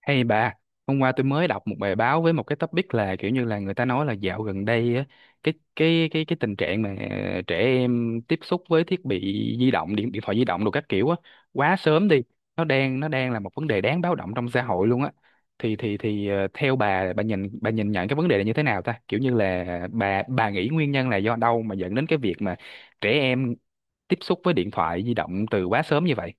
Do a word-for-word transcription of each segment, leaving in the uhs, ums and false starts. Hay bà, hôm qua tôi mới đọc một bài báo với một cái topic là kiểu như là người ta nói là dạo gần đây á, cái cái cái cái tình trạng mà ờ, trẻ em tiếp xúc với thiết bị di động, điện điện thoại di động đồ các kiểu á quá sớm đi, nó đang nó đang là một vấn đề đáng báo động trong xã hội luôn á. Thì thì thì ờ, theo bà bà nhìn bà nhìn nhận cái vấn đề này như thế nào ta? Kiểu như là bà bà nghĩ nguyên nhân là do đâu mà dẫn đến cái việc mà trẻ em tiếp xúc với điện thoại di động từ quá sớm như vậy?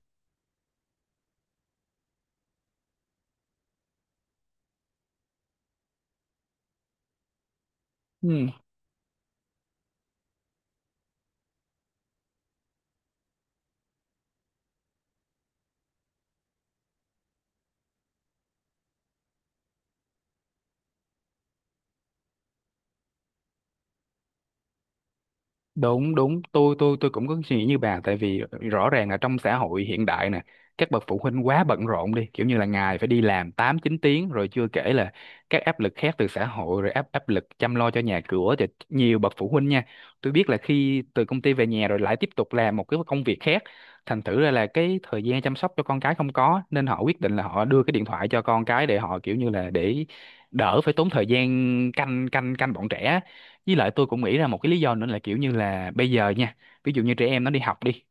Đúng đúng tôi tôi tôi cũng có suy nghĩ như bà, tại vì rõ ràng là trong xã hội hiện đại nè, các bậc phụ huynh quá bận rộn đi, kiểu như là ngày phải đi làm tám chín tiếng, rồi chưa kể là các áp lực khác từ xã hội, rồi áp áp lực chăm lo cho nhà cửa cho nhiều bậc phụ huynh nha. Tôi biết là khi từ công ty về nhà rồi lại tiếp tục làm một cái công việc khác, thành thử ra là cái thời gian chăm sóc cho con cái không có, nên họ quyết định là họ đưa cái điện thoại cho con cái, để họ kiểu như là để đỡ phải tốn thời gian canh canh canh bọn trẻ. Với lại tôi cũng nghĩ ra một cái lý do nữa là kiểu như là bây giờ nha, ví dụ như trẻ em nó đi học đi,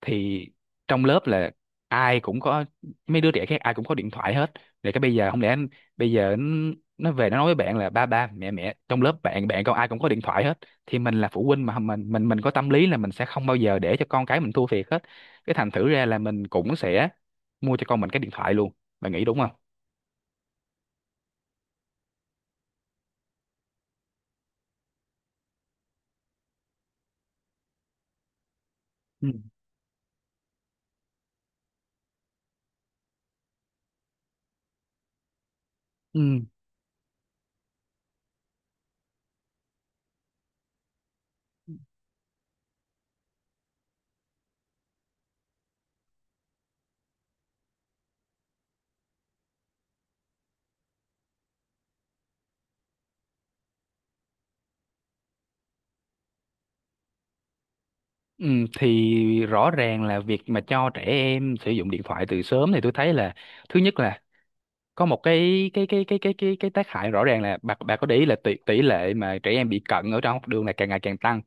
thì trong lớp là ai cũng có, mấy đứa trẻ khác ai cũng có điện thoại hết. Rồi cái bây giờ không lẽ bây giờ nó nó về nó nói với bạn là ba ba mẹ mẹ trong lớp bạn bạn con ai cũng có điện thoại hết, thì mình là phụ huynh mà mình, mình mình có tâm lý là mình sẽ không bao giờ để cho con cái mình thua thiệt hết. Cái thành thử ra là mình cũng sẽ mua cho con mình cái điện thoại luôn. Bạn nghĩ đúng không? Ừ. Ừ. Ừ, thì rõ ràng là việc mà cho trẻ em sử dụng điện thoại từ sớm thì tôi thấy là, thứ nhất là có một cái cái cái cái cái cái cái tác hại rõ ràng là bà bà có để ý là tỷ tỷ lệ mà trẻ em bị cận ở trong học đường là càng ngày càng tăng,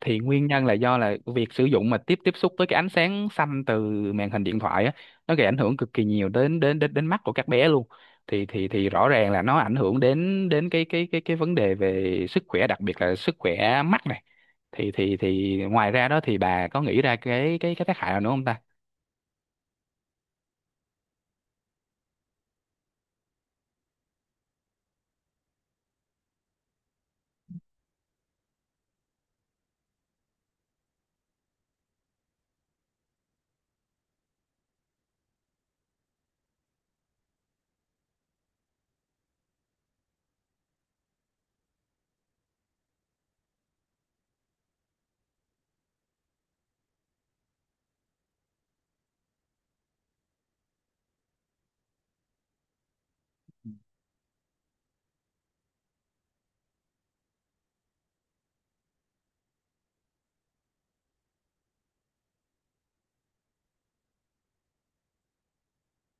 thì nguyên nhân là do là việc sử dụng mà tiếp tiếp xúc với cái ánh sáng xanh từ màn hình điện thoại á, nó gây ảnh hưởng cực kỳ nhiều đến đến đến đến mắt của các bé luôn. Thì thì thì rõ ràng là nó ảnh hưởng đến đến cái cái cái cái vấn đề về sức khỏe, đặc biệt là sức khỏe mắt này. Thì thì thì ngoài ra đó thì bà có nghĩ ra cái cái cái tác hại nào nữa không ta?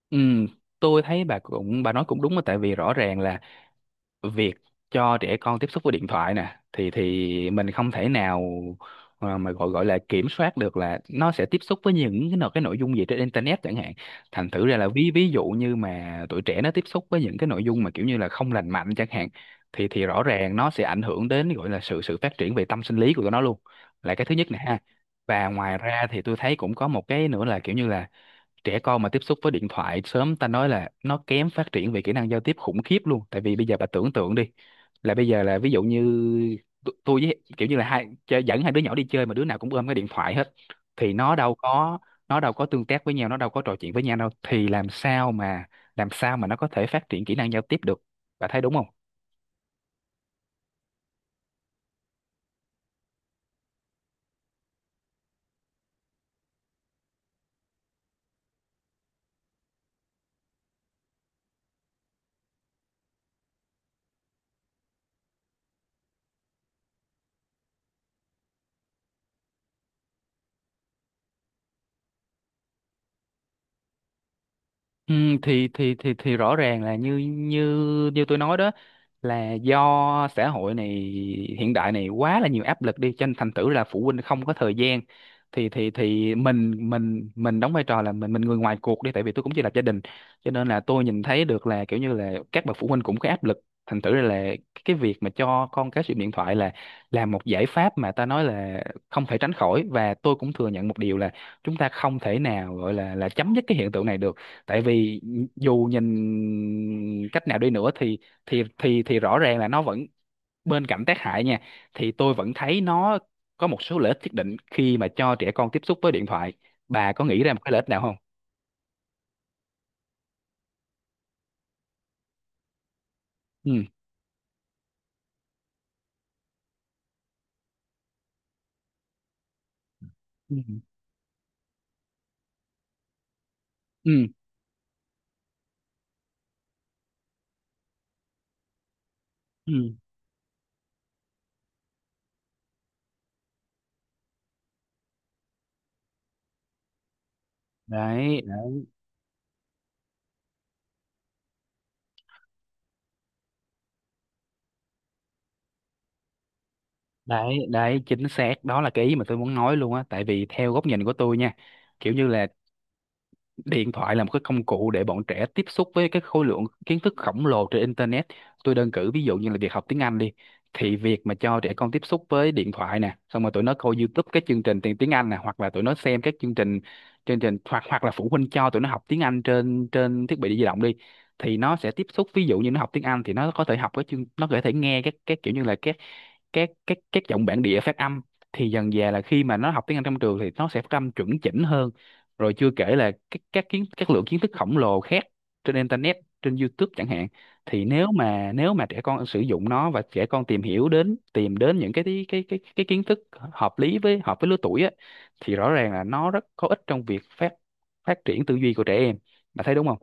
Ừ, tôi thấy bà cũng, bà nói cũng đúng á, tại vì rõ ràng là việc cho trẻ con tiếp xúc với điện thoại nè, thì thì mình không thể nào ờ, mà gọi gọi là kiểm soát được là nó sẽ tiếp xúc với những cái nội cái nội dung gì trên internet chẳng hạn. Thành thử ra là ví ví dụ như mà tuổi trẻ nó tiếp xúc với những cái nội dung mà kiểu như là không lành mạnh chẳng hạn, thì thì rõ ràng nó sẽ ảnh hưởng đến gọi là sự sự phát triển về tâm sinh lý của tụi nó luôn, là cái thứ nhất nè ha. Và ngoài ra thì tôi thấy cũng có một cái nữa là kiểu như là, trẻ con mà tiếp xúc với điện thoại sớm, ta nói là nó kém phát triển về kỹ năng giao tiếp khủng khiếp luôn, tại vì bây giờ bà tưởng tượng đi, là bây giờ là ví dụ như t- tôi với kiểu như là hai chơi, dẫn hai đứa nhỏ đi chơi mà đứa nào cũng ôm cái điện thoại hết, thì nó đâu có nó đâu có tương tác với nhau, nó đâu có trò chuyện với nhau đâu, thì làm sao mà làm sao mà nó có thể phát triển kỹ năng giao tiếp được. Bà thấy đúng không? Ừ, thì thì thì thì rõ ràng là như như như tôi nói đó, là do xã hội này, hiện đại này quá là nhiều áp lực đi, cho nên thành thử là phụ huynh không có thời gian. Thì thì thì mình mình mình đóng vai trò là mình, mình người ngoài cuộc đi, tại vì tôi cũng chỉ là gia đình, cho nên là tôi nhìn thấy được là kiểu như là các bậc phụ huynh cũng có áp lực. Thành thử là cái việc mà cho con cái sử dụng điện thoại là là một giải pháp mà ta nói là không thể tránh khỏi, và tôi cũng thừa nhận một điều là, chúng ta không thể nào gọi là là chấm dứt cái hiện tượng này được, tại vì dù nhìn cách nào đi nữa thì, thì thì thì rõ ràng là nó vẫn, bên cạnh tác hại nha, thì tôi vẫn thấy nó có một số lợi ích nhất định khi mà cho trẻ con tiếp xúc với điện thoại. Bà có nghĩ ra một cái lợi ích nào không? Ừ. Ừ. Ừ. Ừ. đấy đấy đấy đấy, chính xác, đó là cái ý mà tôi muốn nói luôn á, tại vì theo góc nhìn của tôi nha, kiểu như là điện thoại là một cái công cụ để bọn trẻ tiếp xúc với cái khối lượng kiến thức khổng lồ trên internet. Tôi đơn cử ví dụ như là việc học tiếng Anh đi, thì việc mà cho trẻ con tiếp xúc với điện thoại nè, xong rồi tụi nó coi YouTube các chương trình tiếng tiếng Anh nè, hoặc là tụi nó xem các chương trình chương trình hoặc hoặc là phụ huynh cho tụi nó học tiếng Anh trên trên thiết bị di động đi, thì nó sẽ tiếp xúc, ví dụ như nó học tiếng Anh thì nó có thể học cái chương, nó có thể nghe các, các kiểu như là các các các các giọng bản địa phát âm, thì dần dà là khi mà nó học tiếng Anh trong trường thì nó sẽ phát âm chuẩn chỉnh hơn. Rồi chưa kể là các các kiến các lượng kiến thức khổng lồ khác trên internet, trên YouTube chẳng hạn, thì nếu mà nếu mà trẻ con sử dụng nó, và trẻ con tìm hiểu đến, tìm đến những cái cái cái cái kiến thức hợp lý với, hợp với lứa tuổi á, thì rõ ràng là nó rất có ích trong việc phát phát triển tư duy của trẻ em. Bạn thấy đúng không?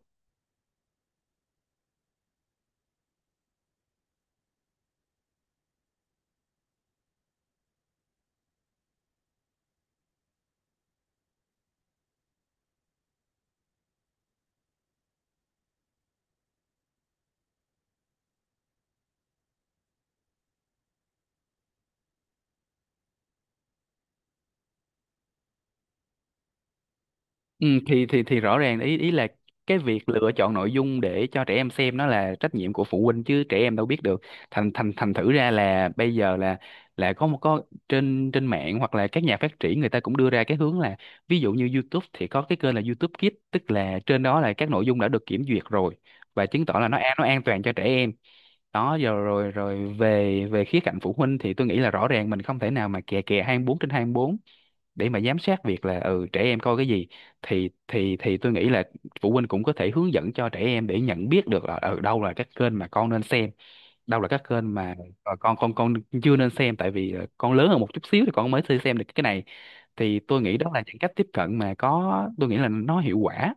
Ừ, thì thì thì rõ ràng ý ý là, cái việc lựa chọn nội dung để cho trẻ em xem nó là trách nhiệm của phụ huynh, chứ trẻ em đâu biết được. Thành thành thành Thử ra là bây giờ là là có một có trên trên mạng hoặc là các nhà phát triển người ta cũng đưa ra cái hướng là, ví dụ như YouTube thì có cái kênh là YouTube Kids, tức là trên đó là các nội dung đã được kiểm duyệt rồi, và chứng tỏ là nó an nó an toàn cho trẻ em. Đó, rồi rồi rồi về về khía cạnh phụ huynh thì tôi nghĩ là rõ ràng mình không thể nào mà kè kè hai bốn trên hai bốn để mà giám sát việc là ừ trẻ em coi cái gì. Thì thì thì tôi nghĩ là phụ huynh cũng có thể hướng dẫn cho trẻ em để nhận biết được là ở đâu là các kênh mà con nên xem, đâu là các kênh mà ờ, con con con chưa nên xem, tại vì ờ, con lớn hơn một chút xíu thì con mới thể xem được cái này. Thì tôi nghĩ đó là những cách tiếp cận mà có, tôi nghĩ là nó hiệu quả.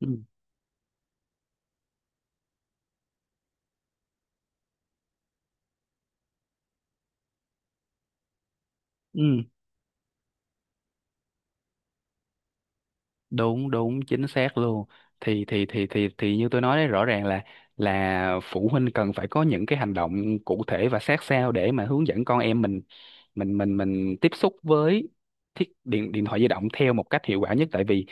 Ừ, ừ, đúng, đúng, chính xác luôn. Thì thì thì thì thì như tôi nói đấy, rõ ràng là là phụ huynh cần phải có những cái hành động cụ thể và sát sao để mà hướng dẫn con em mình, mình mình mình tiếp xúc với thiết điện điện thoại di động theo một cách hiệu quả nhất, tại vì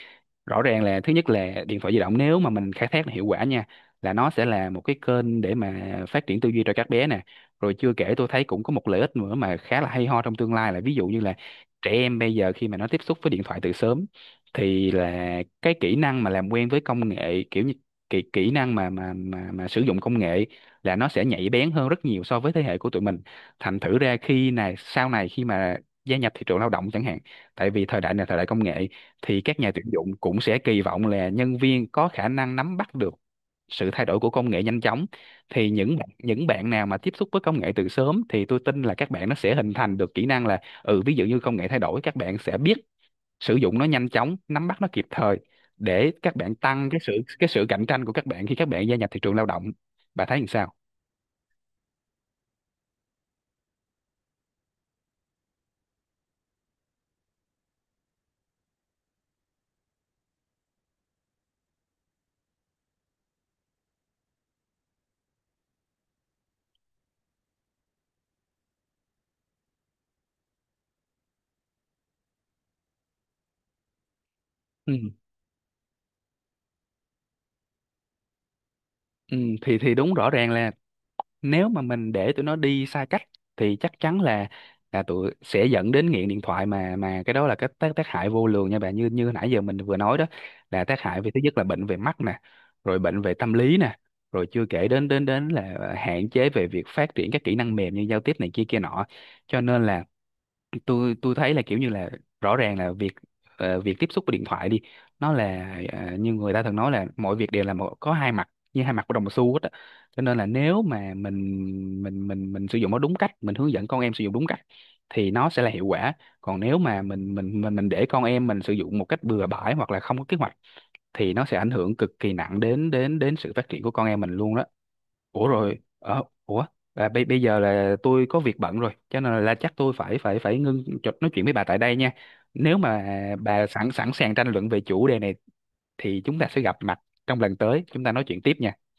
rõ ràng là, thứ nhất là điện thoại di động nếu mà mình khai thác hiệu quả nha, là nó sẽ là một cái kênh để mà phát triển tư duy cho các bé nè. Rồi chưa kể tôi thấy cũng có một lợi ích nữa mà khá là hay ho trong tương lai, là ví dụ như là trẻ em bây giờ khi mà nó tiếp xúc với điện thoại từ sớm, thì là cái kỹ năng mà làm quen với công nghệ, kiểu như kỹ kỹ năng mà mà mà mà sử dụng công nghệ là nó sẽ nhạy bén hơn rất nhiều so với thế hệ của tụi mình. Thành thử ra khi này sau này khi mà gia nhập thị trường lao động chẳng hạn, tại vì thời đại này là thời đại công nghệ, thì các nhà tuyển dụng cũng sẽ kỳ vọng là nhân viên có khả năng nắm bắt được sự thay đổi của công nghệ nhanh chóng, thì những bạn- những bạn nào mà tiếp xúc với công nghệ từ sớm thì tôi tin là các bạn nó sẽ hình thành được kỹ năng là, ừ ví dụ như công nghệ thay đổi các bạn sẽ biết sử dụng nó nhanh chóng, nắm bắt nó kịp thời, để các bạn tăng cái sự, cái sự cạnh tranh của các bạn khi các bạn gia nhập thị trường lao động. Bà thấy làm sao? Ừ, ừ, thì thì đúng, rõ ràng là nếu mà mình để tụi nó đi xa cách thì chắc chắn là là tụi sẽ dẫn đến nghiện điện thoại, mà mà cái đó là cái tác tác hại vô lường nha bạn, như như nãy giờ mình vừa nói đó. Là tác hại về, thứ nhất là bệnh về mắt nè, rồi bệnh về tâm lý nè, rồi chưa kể đến đến đến là hạn chế về việc phát triển các kỹ năng mềm như giao tiếp này kia kia nọ. Cho nên là tôi tôi thấy là kiểu như là, rõ ràng là việc ờ, việc tiếp xúc với điện thoại đi, nó là, ờ, như người ta thường nói là mọi việc đều là một, có hai mặt, như hai mặt của đồng xu hết á. Cho nên là nếu mà mình mình mình mình sử dụng nó đúng cách, mình hướng dẫn con em sử dụng đúng cách thì nó sẽ là hiệu quả. Còn nếu mà mình mình mình mình để con em mình sử dụng một cách bừa bãi hoặc là không có kế hoạch thì nó sẽ ảnh hưởng cực kỳ nặng đến đến đến sự phát triển của con em mình luôn đó. Ủa rồi ờ, ủa à, Bây bây giờ là tôi có việc bận rồi, cho nên là chắc tôi phải phải phải ngưng trò- nói chuyện với bà tại đây nha. Nếu mà bà sẵn sẵn sàng tranh luận về chủ đề này thì chúng ta sẽ gặp mặt trong lần tới, chúng ta nói chuyện tiếp nha.